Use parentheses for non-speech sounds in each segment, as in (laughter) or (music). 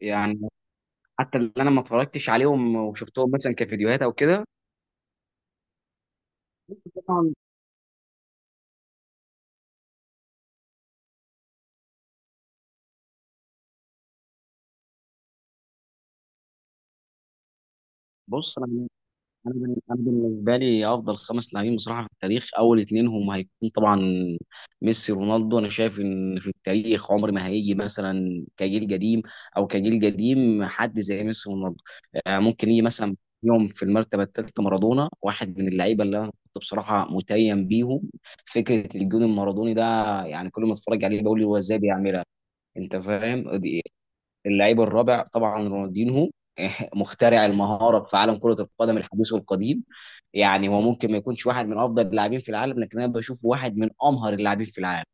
يعني حتى اللي انا ما اتفرجتش عليهم وشفتهم مثلا كفيديوهات او كده. طبعا. بص، انا بالنسبه لي افضل خمس لاعبين بصراحه في التاريخ، اول اتنين هم هيكون طبعا ميسي ورونالدو. انا شايف ان في التاريخ عمر ما هيجي مثلا كجيل قديم او كجيل قديم حد زي ميسي ورونالدو. ممكن يجي مثلا يوم في المرتبه الثالثه مارادونا، واحد من اللعيبه اللي انا كنت بصراحه متيم بيهم. فكره الجون المارادوني ده، كل ما اتفرج عليه بقول له هو ازاي بيعملها؟ انت فاهم دي- اللعيب الرابع طبعا رونالدينهو، (laughs) مخترع المهاره في عالم كره القدم الحديث والقديم. هو ممكن ما يكونش واحد من افضل اللاعبين في العالم، لكن انا بشوف واحد من امهر اللاعبين في العالم.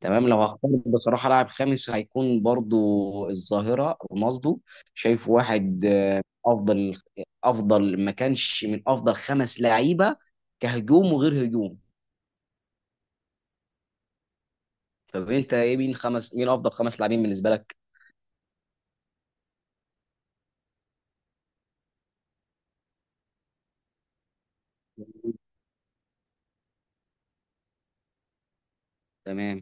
تمام. لو هختار بصراحه لاعب خامس، هيكون برضو الظاهره رونالدو. شايف واحد افضل، افضل، ما كانش من افضل خمس لعيبه كهجوم وغير هجوم. طب انت ايه، مين افضل خمس لاعبين بالنسبه لك؟ تمام.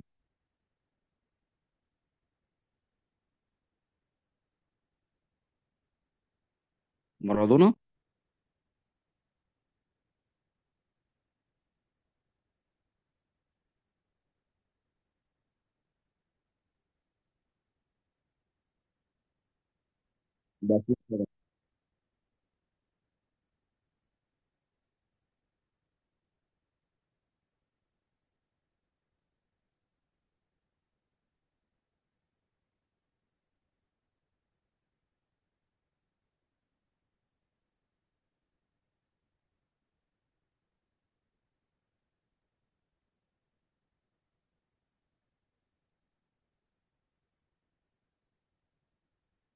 مارادونا.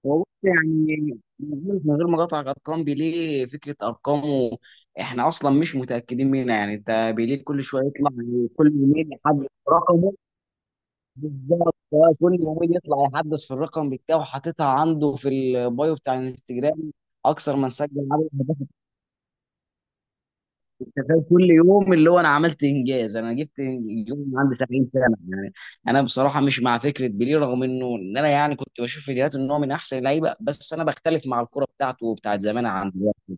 والله من غير ما اقاطعك، ارقام بيليه، فكره ارقامه احنا اصلا مش متاكدين منها. يعني انت بيليه كل شويه يطلع، كل يومين يحدث رقمه. بالظبط. كل يومين يطلع يحدث في الرقم بتاعه، حاططها عنده في البايو بتاع الانستجرام. اكثر من سجل عدد. أنت فاهم؟ كل يوم اللي هو انا عملت انجاز، انا جبت يوم عندي 70 سنه يعني. انا بصراحه مش مع فكره بيليه، رغم ان انا كنت بشوف فيديوهات ان هو من احسن اللعيبه، بس انا بختلف مع الكره بتاعته وبتاعت زمان عن دلوقتي.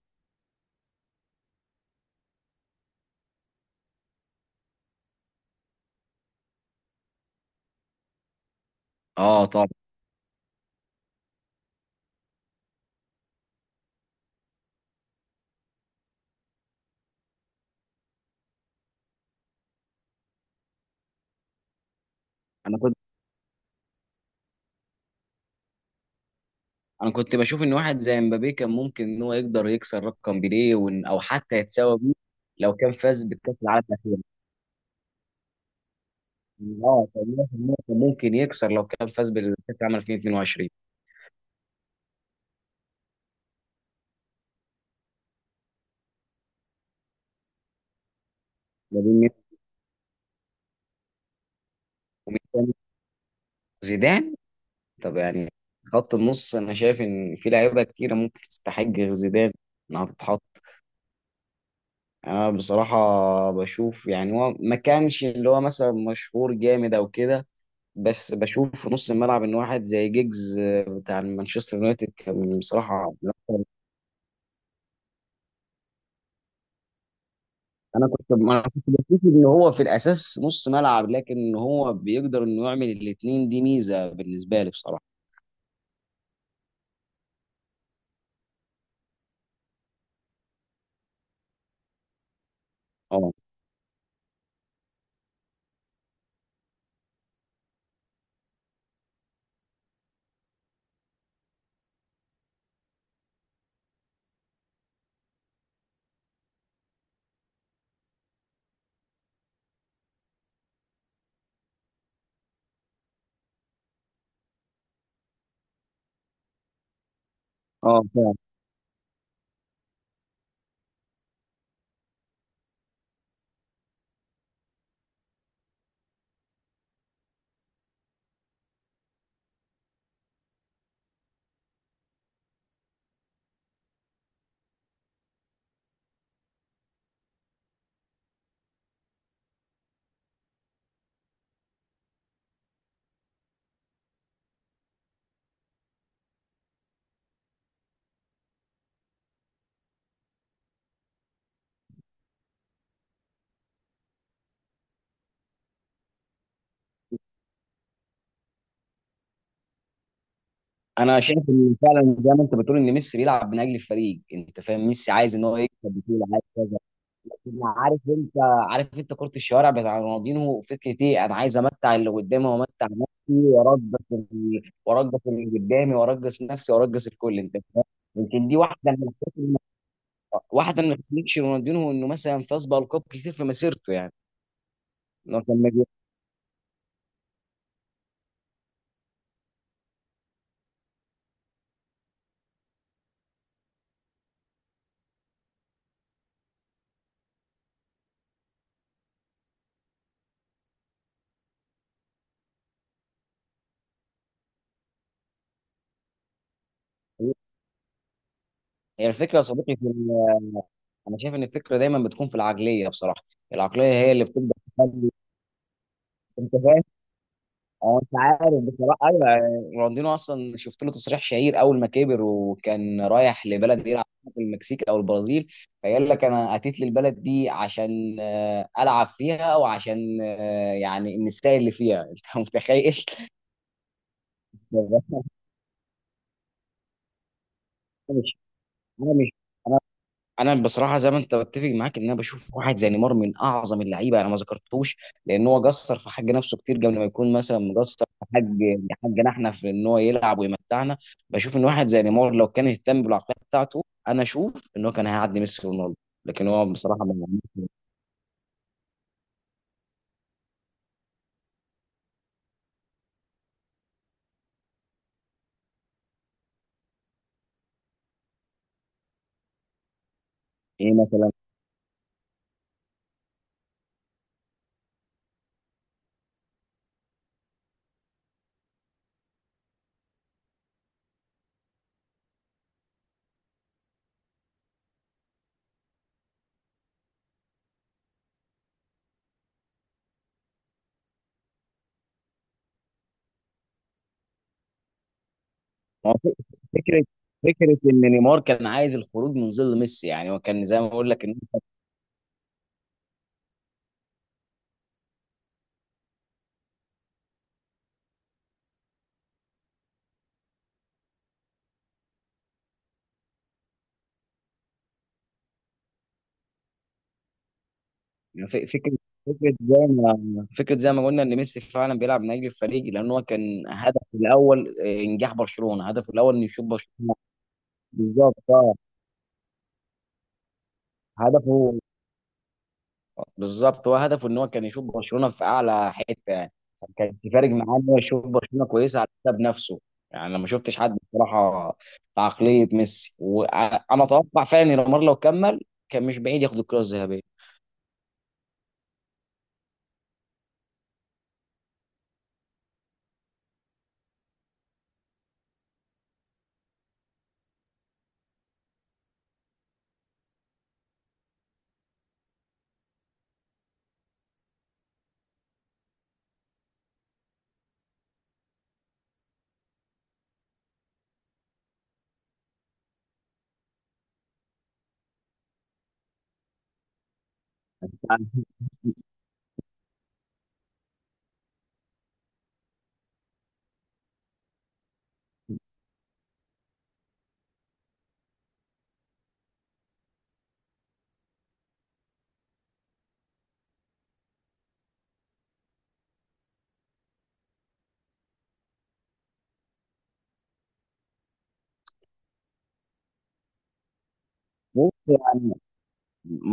اه طبعا. انا كنت انا كنت بشوف ان واحد زي مبابي كان ممكن ان هو يقدر يكسر رقم بيليه، او حتى يتساوى بيه لو كان فاز بالكاس العالم الاخير. اه، كان 100% كان ممكن يكسر لو كان فاز بالكاس العالم 2022. ما بين مين ومين تاني؟ زيدان؟ طب يعني خط النص، انا شايف ان في لعيبه كتيره ممكن تستحق غير زيدان انها تتحط. انا بصراحه بشوف، يعني هو ما كانش اللي هو مثلا مشهور جامد او كده، بس بشوف في نص الملعب ان واحد زي جيجز، بتاع مانشستر يونايتد، كان بصراحه من أكتر. انا كنت بشوف ان هو في الاساس نص ملعب، لكن هو بيقدر انه يعمل الاثنين، دي ميزه بالنسبه لي بصراحه. اه. اه، انا شايف ان فعلا زي ما انت بتقول ان ميسي بيلعب من اجل الفريق. انت فاهم؟ ميسي عايز ان هو يكسب بطوله، عايز كذا. أنا عارف، انت عارف انت كره الشوارع بتاع رونالدينو، فكره ايه؟ انا عايز امتع اللي قدامي وامتع نفسي وارجس وارجس اللي قدامي وارجس نفسي وارجس الكل، انت فاهم. يمكن دي واحده من تخليكش رونالدينو انه مثلا فاز بالقاب كتير في مسيرته يعني. إنه كان مجنون. هي الفكره يا صديقي في ال- انا شايف ان الفكره دايما بتكون في العقليه بصراحه. العقليه هي اللي بتبدا، انت فاهم. هو انت عارف بصراحه، ايوه، رونالدينو اصلا شفت له تصريح شهير اول ما كبر وكان رايح لبلد يلعب في المكسيك او البرازيل، فقال لك انا اتيت للبلد دي عشان العب فيها، وعشان النساء اللي فيها. (laughs) انت متخيل؟ (laughs) انا مش انا بصراحه زي ما انت، بتفق معاك ان انا بشوف واحد زي نيمار من اعظم اللعيبه، انا ما ذكرتهوش لان هو قصر في حق نفسه كتير، قبل ما يكون مثلا مقصر في حق حقنا احنا في ان هو يلعب ويمتعنا. بشوف ان واحد زي نيمار، لو كان اهتم بالعقليه بتاعته، انا اشوف ان هو كان هيعدي ميسي ورونالدو، لكن هو بصراحه ما عملش. ايه مثلا؟ هو فكره فكره ان نيمار كان عايز الخروج من ظل ميسي. يعني هو كان زي ما بقول لك، يعني ف- فكرة فكرة زي ما فكرة زي ما قلنا ان ميسي فعلا بيلعب من اجل الفريق، لان هو كان هدفه الاول انجاح برشلونة. هدفه الاول انه يشوف برشلونة. بالظبط اه. هدفه، بالظبط، هو هدفه ان هو كان يشوف برشلونة في اعلى حتة يعني. فكان فارق معاه ان هو يشوف برشلونة كويسة على حساب نفسه. انا ما شفتش حد بصراحة في عقلية ميسي، وانا اتوقع فعلا ان نيمار لو كمل كان مش بعيد ياخد الكرة الذهبية.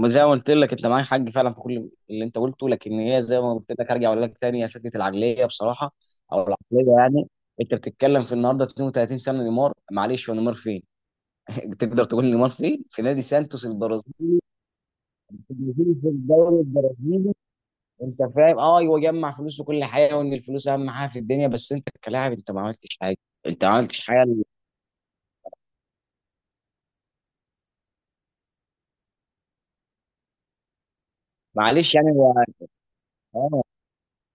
زي ما قلت لك، انت معاك حق فعلا في كل اللي انت قلته، لكن هي زي ما قلت لك، هرجع اقول لك تاني، هي فكره العقليه بصراحه، او العقليه يعني. انت بتتكلم في النهارده 32 سنه نيمار، معلش هو نيمار فين؟ (laughs) تقدر تقول نيمار فين؟ في نادي سانتوس البرازيلي، البرازيل، في الدوري البرازيلي. انت فاهم؟ اه، هو جمع فلوس وكل حاجه وان الفلوس اهم حاجه في الدنيا، بس انت كلاعب انت ما عملتش حاجه. انت ما عملتش حاجه. معلش يعني هو، اه،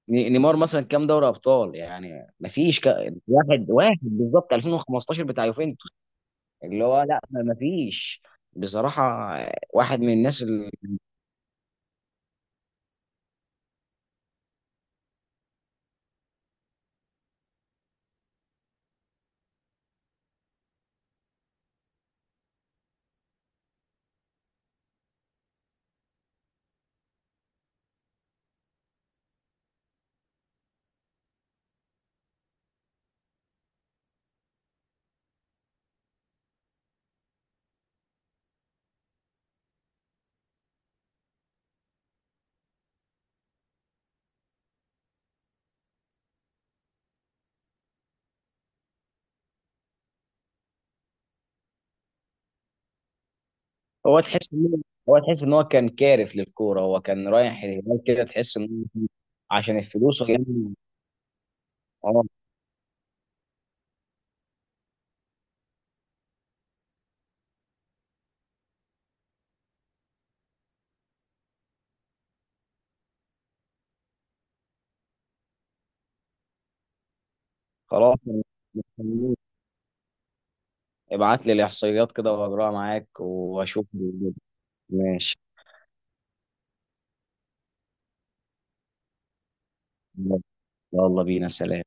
نيمار مثلا كام دوري ابطال؟ يعني ما فيش ك... واحد، واحد بالظبط 2015 بتاع يوفنتوس. اللي هو، لا، ما فيش بصراحة. واحد من الناس اللي هو تحس ان، تحس ان هو كان كارف للكورة. هو كان رايح الهلال كده، تحس ان هو عشان الفلوس اه. خلاص، ابعت لي الاحصائيات كده واجراها معاك واشوف. ماشي. يلا بينا، سلام.